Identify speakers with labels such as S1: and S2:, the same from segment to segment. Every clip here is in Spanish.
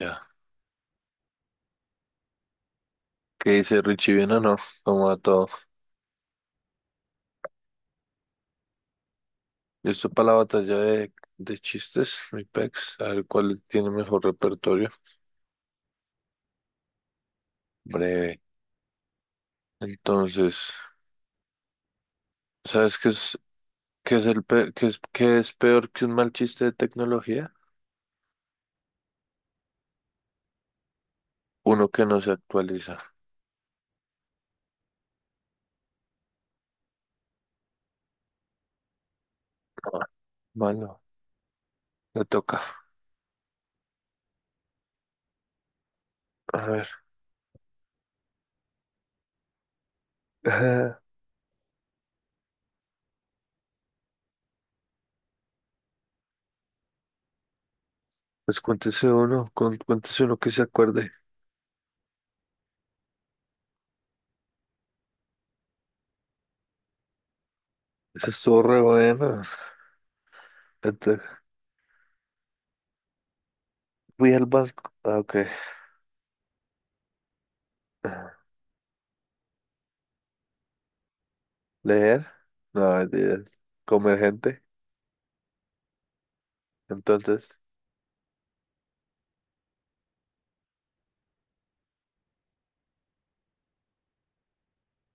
S1: Ya, ¿qué dice Richie? ¿Bien o no? ¿Cómo va todo? ¿Listo para la batalla de chistes, mi pex? A ver cuál tiene mejor repertorio. Breve. Entonces, ¿sabes qué es, el pe- qué es, ¿qué es peor que un mal chiste de tecnología? Uno que no se actualiza. Ah, malo, le toca. A ver. Pues cuéntese uno que se acuerde. Eso estuvo re bueno. Ent- Fui al banco. Ah, ok. Ah, leer. No, mentira. Comer gente. Entonces,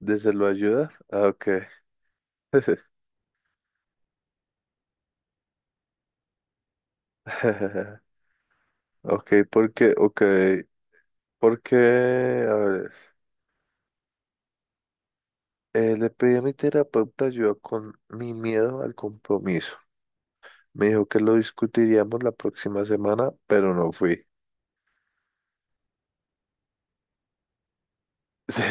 S1: ¿desde lo ayuda? Ah, ok. Ok, porque, a ver, le pedí a mi terapeuta ayuda con mi miedo al compromiso. Me dijo que lo discutiríamos la próxima semana, pero no fui. Sí,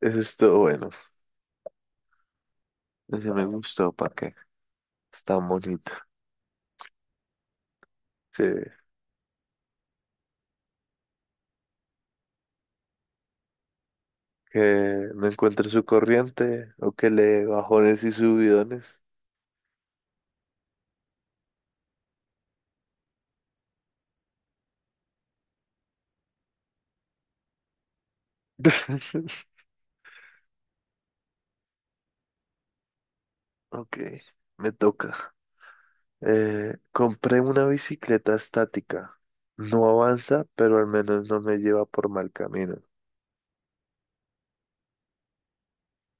S1: eso estuvo bueno. Ese me gustó, ¿para qué? Está bonito. Sí, que no encuentre su corriente o que le dé bajones y subidones. Ok, me toca. Compré una bicicleta estática. No avanza, pero al menos no me lleva por mal camino.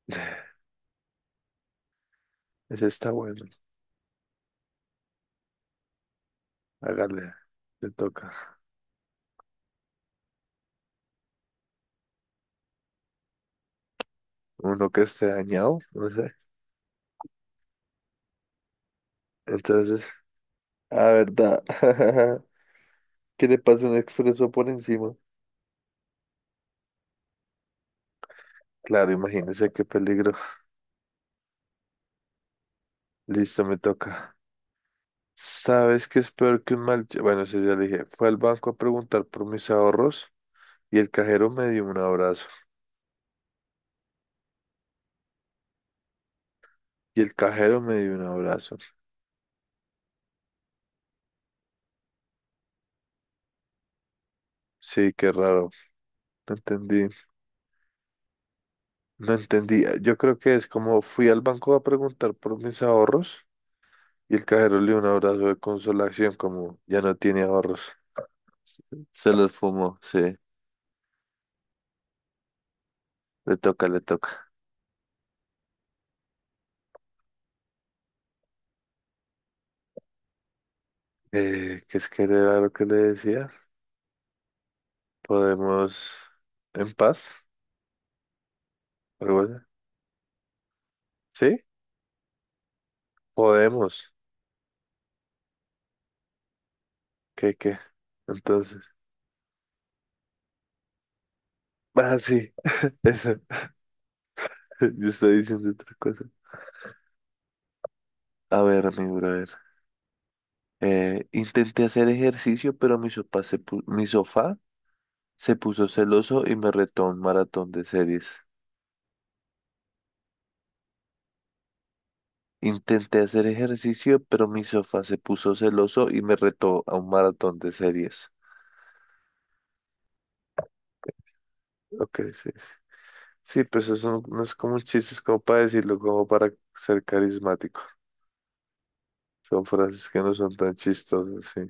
S1: Ese está bueno. Hágale, le toca. Uno que esté dañado, no sé. Entonces, a verdad. ¿Qué le pasa un expreso por encima? Claro, imagínese qué peligro. Listo, me toca. ¿Sabes qué es peor que un mal... ch- Bueno, eso ya le dije. Fue al banco a preguntar por mis ahorros y el cajero me dio un abrazo. Y el cajero me dio un abrazo. Sí, qué raro. No entendí, no entendí. Ah, yo creo que es como fui al banco a preguntar por mis ahorros y el cajero le dio un abrazo de consolación como ya no tiene ahorros. Se los fumó, sí. Le toca, le toca. ¿Qué es que era lo que le decía? Podemos en paz, algo así. ¿Sí? Podemos. ¿Qué, qué? Entonces. Ah, sí. Eso. Yo estoy diciendo otra cosa. A ver, mi brother. Intenté hacer ejercicio, pero mi sopa se pu- mi sofá se puso celoso y me retó a un maratón de series. Intenté hacer ejercicio, pero mi sofá se puso celoso y me retó a un maratón de series. Ok, sí. Sí, pues eso no, no es como un chiste, es como para decirlo, como para ser carismático. Son frases que no son tan chistosas, sí.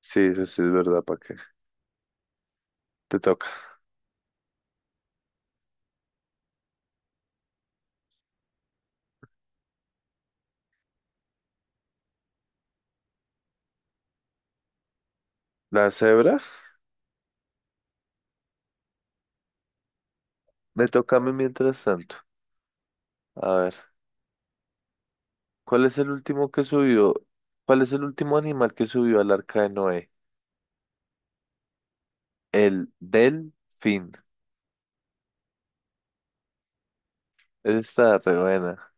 S1: Sí, eso sí es verdad, ¿para qué? Te toca. ¿La cebra? Me toca a mí mientras tanto. A ver, ¿cuál es el último que subió? ¿Cuál es el último animal que subió al arca de Noé? El delfín. Esa está re buena.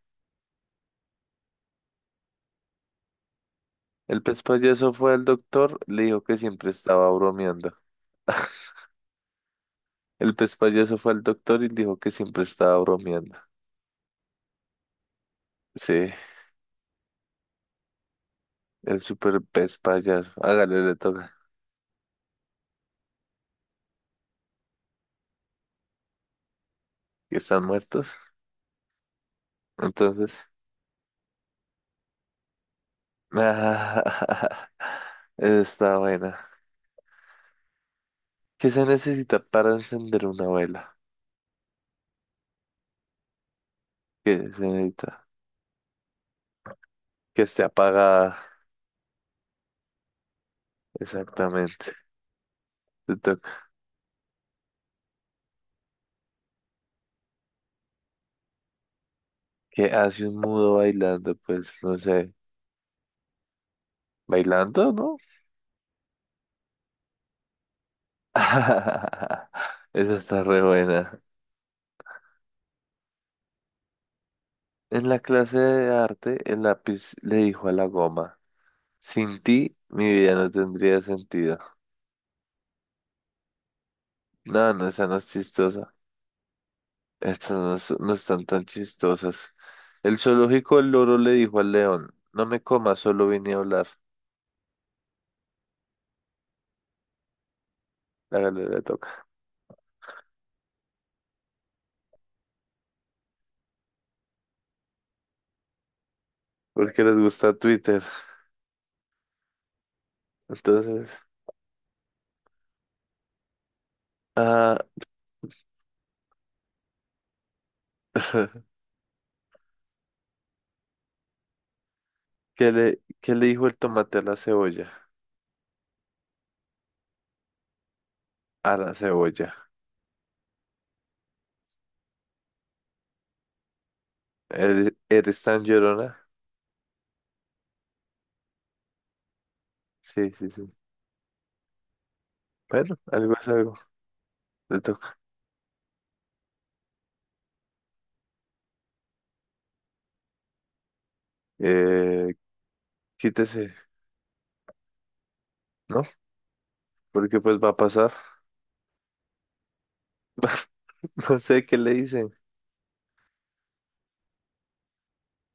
S1: El pez payaso fue al doctor, le dijo que siempre estaba bromeando. El pez payaso fue al doctor y le dijo que siempre estaba bromeando. Sí, el super pez payaso. Hágale, le toca. Que están muertos. Entonces. esa está buena. ¿Qué se necesita para encender una vela? ¿Qué se necesita? Que esté apagada. Exactamente. Te toca. ¿Qué hace un mudo bailando? Pues no sé. ¿Bailando, no? Esa está re buena. En la clase de arte, el lápiz le dijo a la goma, sin ti mi vida no tendría sentido. No, no, esa no es chistosa. Estas no, es- no están tan chistosas. El zoológico del loro le dijo al león, no me comas, solo vine a hablar. La galera le toca. Porque les gusta Twitter. Entonces, ah, ¿qué le dijo el tomate a la cebolla? A la cebolla. ¿Eres tan llorona? Sí, sí, sí, pero algo es algo, le toca. Eh, quítese, ¿no? Porque pues va a pasar. No sé qué le dicen.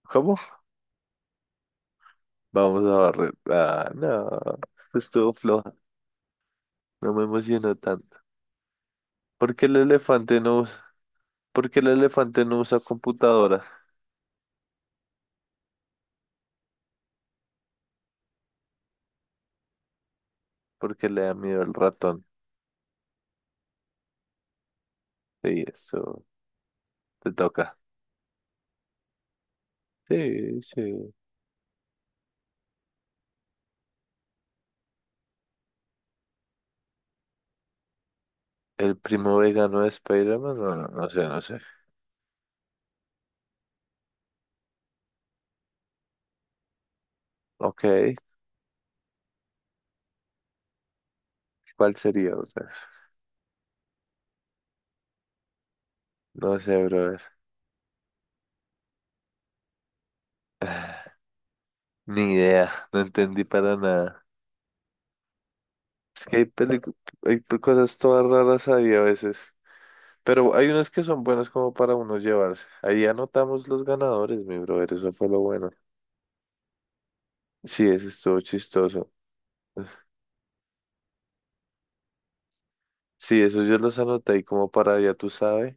S1: ¿Cómo? Vamos a barrer. Ah, no, pues estuvo floja, no me emocionó tanto. ¿Por qué el elefante no usa? ¿Por qué el elefante no usa computadora? Porque le da miedo el ratón. Sí, eso te toca. Sí, sí. ¿El primo vegano de Spider-Man? No, no, no sé, no sé. Ok, ¿cuál sería, brother? No sé, brother. Ni idea, no entendí para nada. Es que hay cosas todas raras ahí a veces. Pero hay unas que son buenas como para uno llevarse. Ahí anotamos los ganadores, mi brother, eso fue lo bueno. Sí, eso estuvo chistoso. Sí, eso yo los anoté ahí como para, ya tú sabes,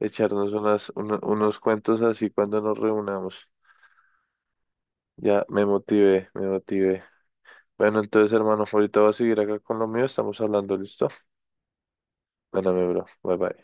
S1: echarnos unos cuentos así cuando nos reunamos. Ya me motivé, me motivé. Bueno, entonces, hermano, ahorita voy a seguir acá con lo mío. Estamos hablando, ¿listo? Bueno, mi bro, bye bye.